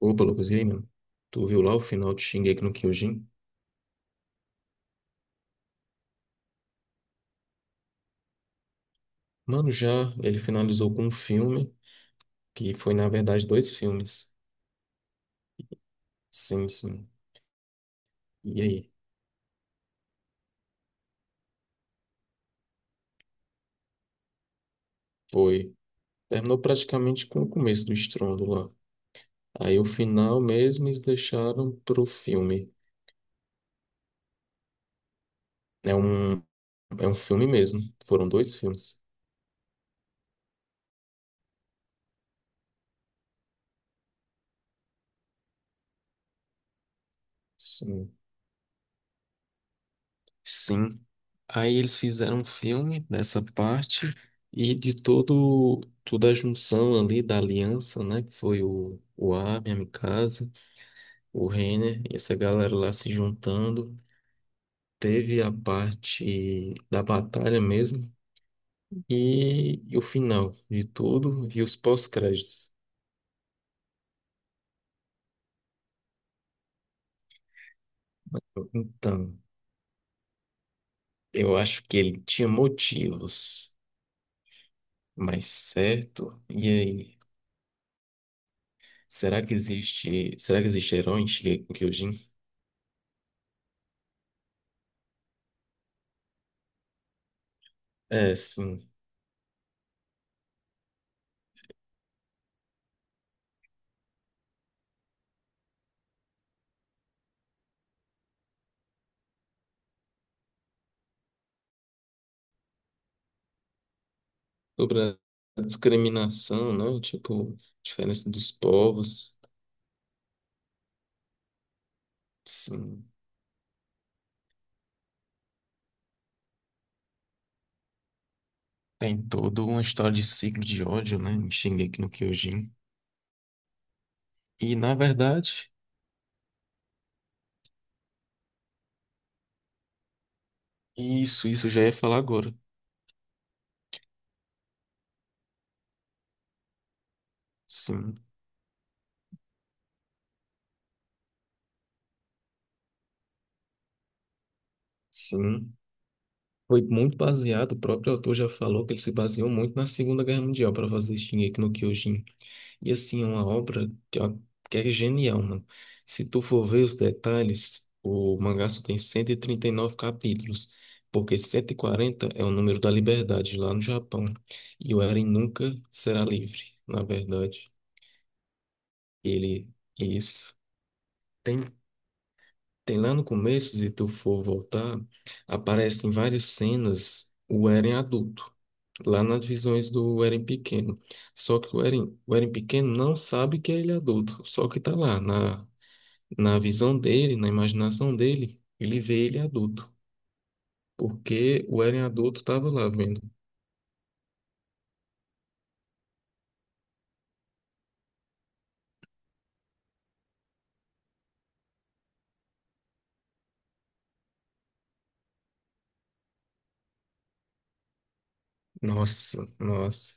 Opa, Lucas, e aí, mano? Tu viu lá o final de Shingeki no Kyojin? Mano, já ele finalizou com um filme, que foi, na verdade, dois filmes. Sim, sim. E aí? Foi. Terminou praticamente com o começo do estrondo lá. Aí o final mesmo eles deixaram pro filme. É um, é um filme mesmo. Foram dois filmes. Sim. Sim. Aí eles fizeram um filme dessa parte e de todo toda a junção ali da aliança, né? Que foi o Armin, a Mikasa, o Reiner e essa galera lá se juntando. Teve a parte da batalha mesmo e o final de tudo e os pós-créditos. Então, eu acho que ele tinha motivos, mas certo? E aí? Será que existe herói em Kyojin? É, sim. Sobre a discriminação, né? Tipo, diferença dos povos. Sim. Tem toda uma história de ciclo de ódio, né? Em Shingeki no Kyojin. E, na verdade, isso eu já ia falar agora. Sim, sim. Foi muito baseado, o próprio autor já falou que ele se baseou muito na Segunda Guerra Mundial para fazer Shingeki no Kyojin. E assim, é uma obra que, ó, que é genial, mano. Se tu for ver os detalhes, o mangá só tem 139 capítulos, porque 140 é o número da liberdade lá no Japão. E o Eren nunca será livre, na verdade. Ele, isso. Tem, tem lá no começo, se tu for voltar, aparecem várias cenas o Eren adulto. Lá nas visões do Eren pequeno. Só que o Eren pequeno não sabe que ele é adulto. Só que tá lá na, na visão dele, na imaginação dele, ele vê ele adulto, porque o Eren adulto estava lá vendo. Nossa, nossa.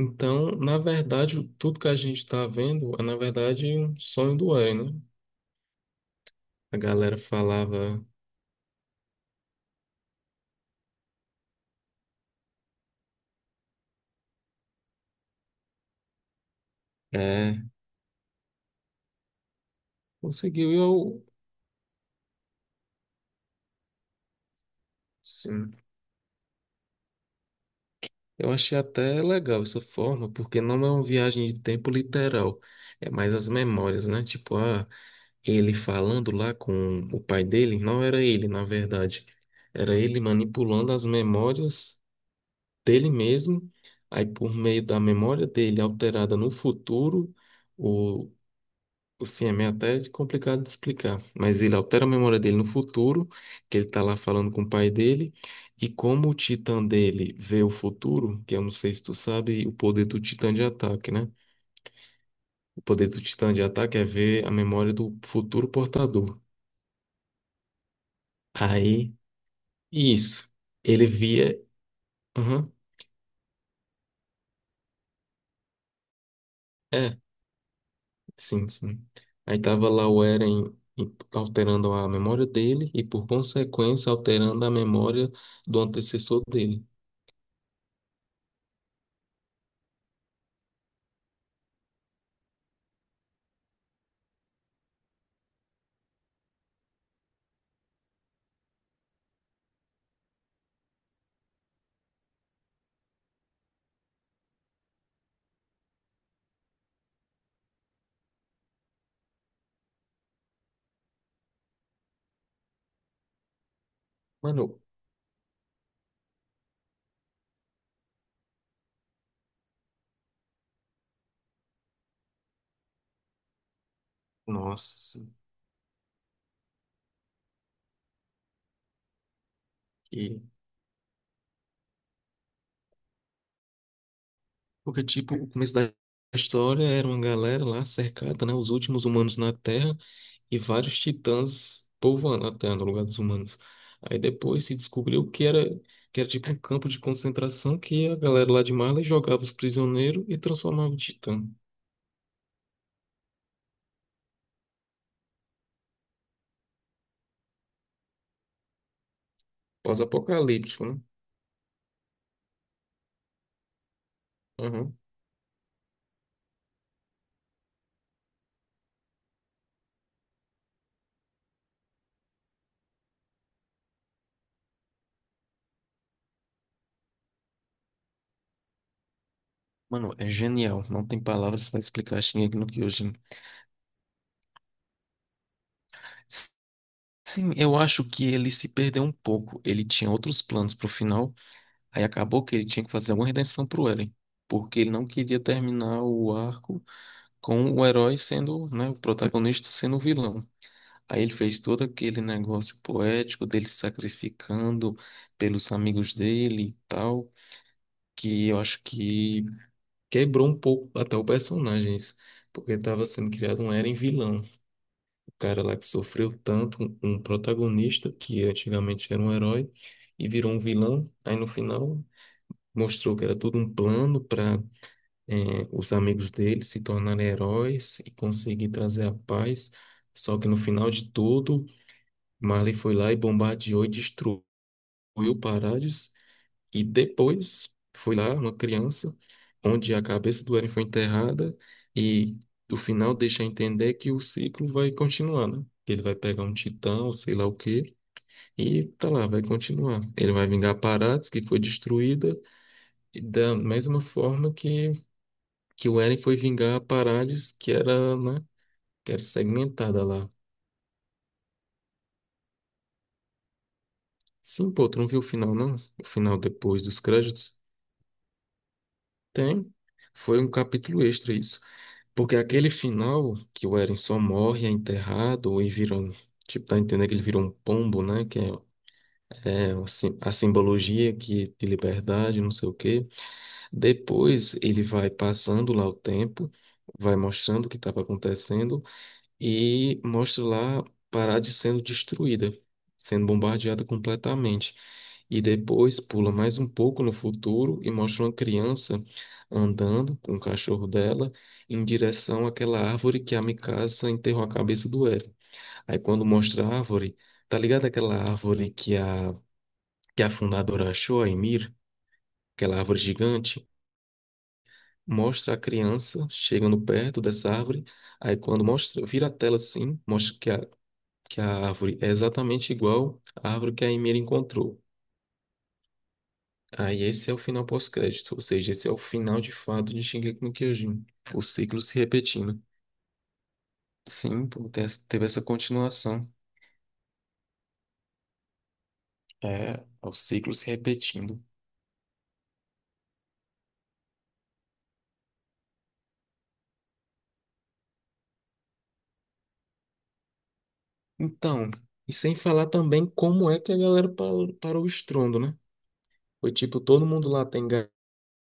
Então, na verdade, tudo que a gente está vendo é, na verdade, um sonho do Eren, né? A galera falava, é, conseguiu. E eu, sim, eu achei até legal essa forma, porque não é uma viagem de tempo literal, é mais as memórias, né? Tipo, ah, ele falando lá com o pai dele, não era ele, na verdade. Era ele manipulando as memórias dele mesmo. Aí, por meio da memória dele alterada no futuro, o. Sim, é meio até complicado de explicar, mas ele altera a memória dele no futuro, que ele tá lá falando com o pai dele, e como o titã dele vê o futuro, que eu não sei se tu sabe, o poder do titã de ataque, né? O poder do titã de ataque é ver a memória do futuro portador. Aí isso. Ele via. Aham. É, sim, sim. Aí tava lá o alterando a memória dele e, por consequência, alterando a memória do antecessor dele. Mano, nossa, sim. E... porque, tipo, o começo da história era uma galera lá cercada, né? Os últimos humanos na Terra e vários titãs povoando a Terra no lugar dos humanos. Aí depois se descobriu que era tipo um campo de concentração que a galera lá de Marley jogava os prisioneiros e transformava em titã. Pós-apocalíptico, né? Uhum. Mano, é genial. Não tem palavras para explicar Shingeki no Kyojin. S- Sim, eu acho que ele se perdeu um pouco. Ele tinha outros planos pro final. Aí acabou que ele tinha que fazer uma redenção pro Eren. Porque ele não queria terminar o arco com o herói sendo, né, o protagonista sendo o vilão. Aí ele fez todo aquele negócio poético dele se sacrificando pelos amigos dele e tal, que eu acho que quebrou um pouco até o personagem, isso, porque estava sendo criado um Eren vilão. O cara lá que sofreu tanto, um protagonista que antigamente era um herói e virou um vilão. Aí no final mostrou que era tudo um plano para os amigos dele se tornarem heróis e conseguir trazer a paz. Só que no final de tudo Marley foi lá e bombardeou e destruiu Paradis. E depois foi lá uma criança, onde a cabeça do Eren foi enterrada. E no final deixa entender que o ciclo vai continuar, né? Que ele vai pegar um titã, ou sei lá o quê, e tá lá, vai continuar. Ele vai vingar Paradis, que foi destruída, e da mesma forma que o Eren foi vingar Paradis, que era, né? Que era segmentada lá. Sim, pô, tu não viu o final, não? O final depois dos créditos? Tem. Foi um capítulo extra isso. Porque aquele final, que o Eren só morre, é enterrado e vira um. Tipo, tá entendendo que ele virou um pombo, né? Que é, é assim, a simbologia que de liberdade, não sei o quê. Depois ele vai passando lá o tempo, vai mostrando o que estava acontecendo e mostra lá Parade sendo destruída, sendo bombardeada completamente. E depois pula mais um pouco no futuro e mostra uma criança andando com o cachorro dela em direção àquela árvore que a Mikasa enterrou a cabeça do Eren. Aí quando mostra a árvore, tá ligado aquela árvore que a fundadora achou, a Emir, aquela árvore gigante? Mostra a criança chegando perto dessa árvore. Aí quando mostra, vira a tela assim, mostra que a árvore é exatamente igual à árvore que a Emira encontrou. Aí esse é o final pós-crédito, ou seja, esse é o final de fato de Shingeki no Kyojin, o ciclo se repetindo. Sim, pô, teve essa continuação, é, é o ciclo se repetindo. Então, e sem falar também como é que a galera parou o estrondo, né? Foi tipo, todo mundo lá tem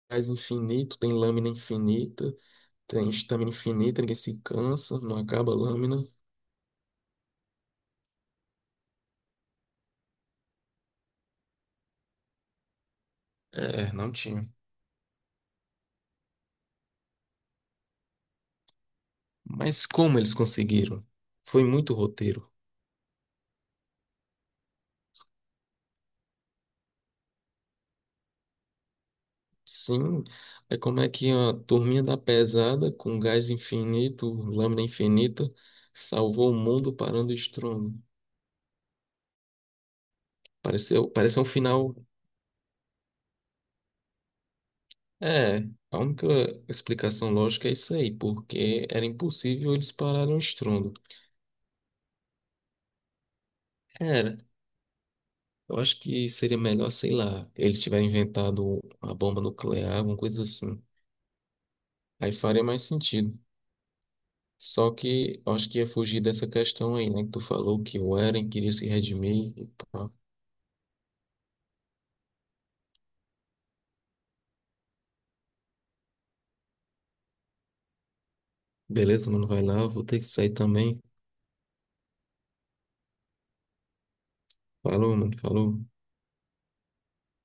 gás infinito, tem lâmina infinita, tem estamina infinita, ninguém se cansa, não acaba a lâmina. É, não tinha. Mas como eles conseguiram? Foi muito roteiro. Sim, é como é que a turminha da pesada, com gás infinito, lâmina infinita, salvou o mundo parando o estrondo. Pareceu um final. É, a única explicação lógica é isso aí, porque era impossível eles pararem o estrondo. Era. Eu acho que seria melhor, sei lá, eles tiverem inventado uma bomba nuclear, alguma coisa assim. Aí faria mais sentido. Só que eu acho que ia fugir dessa questão aí, né? Que tu falou que o Eren queria se redimir e pá. Beleza, mano, vai lá, vou ter que sair também. Falou, mano, falou.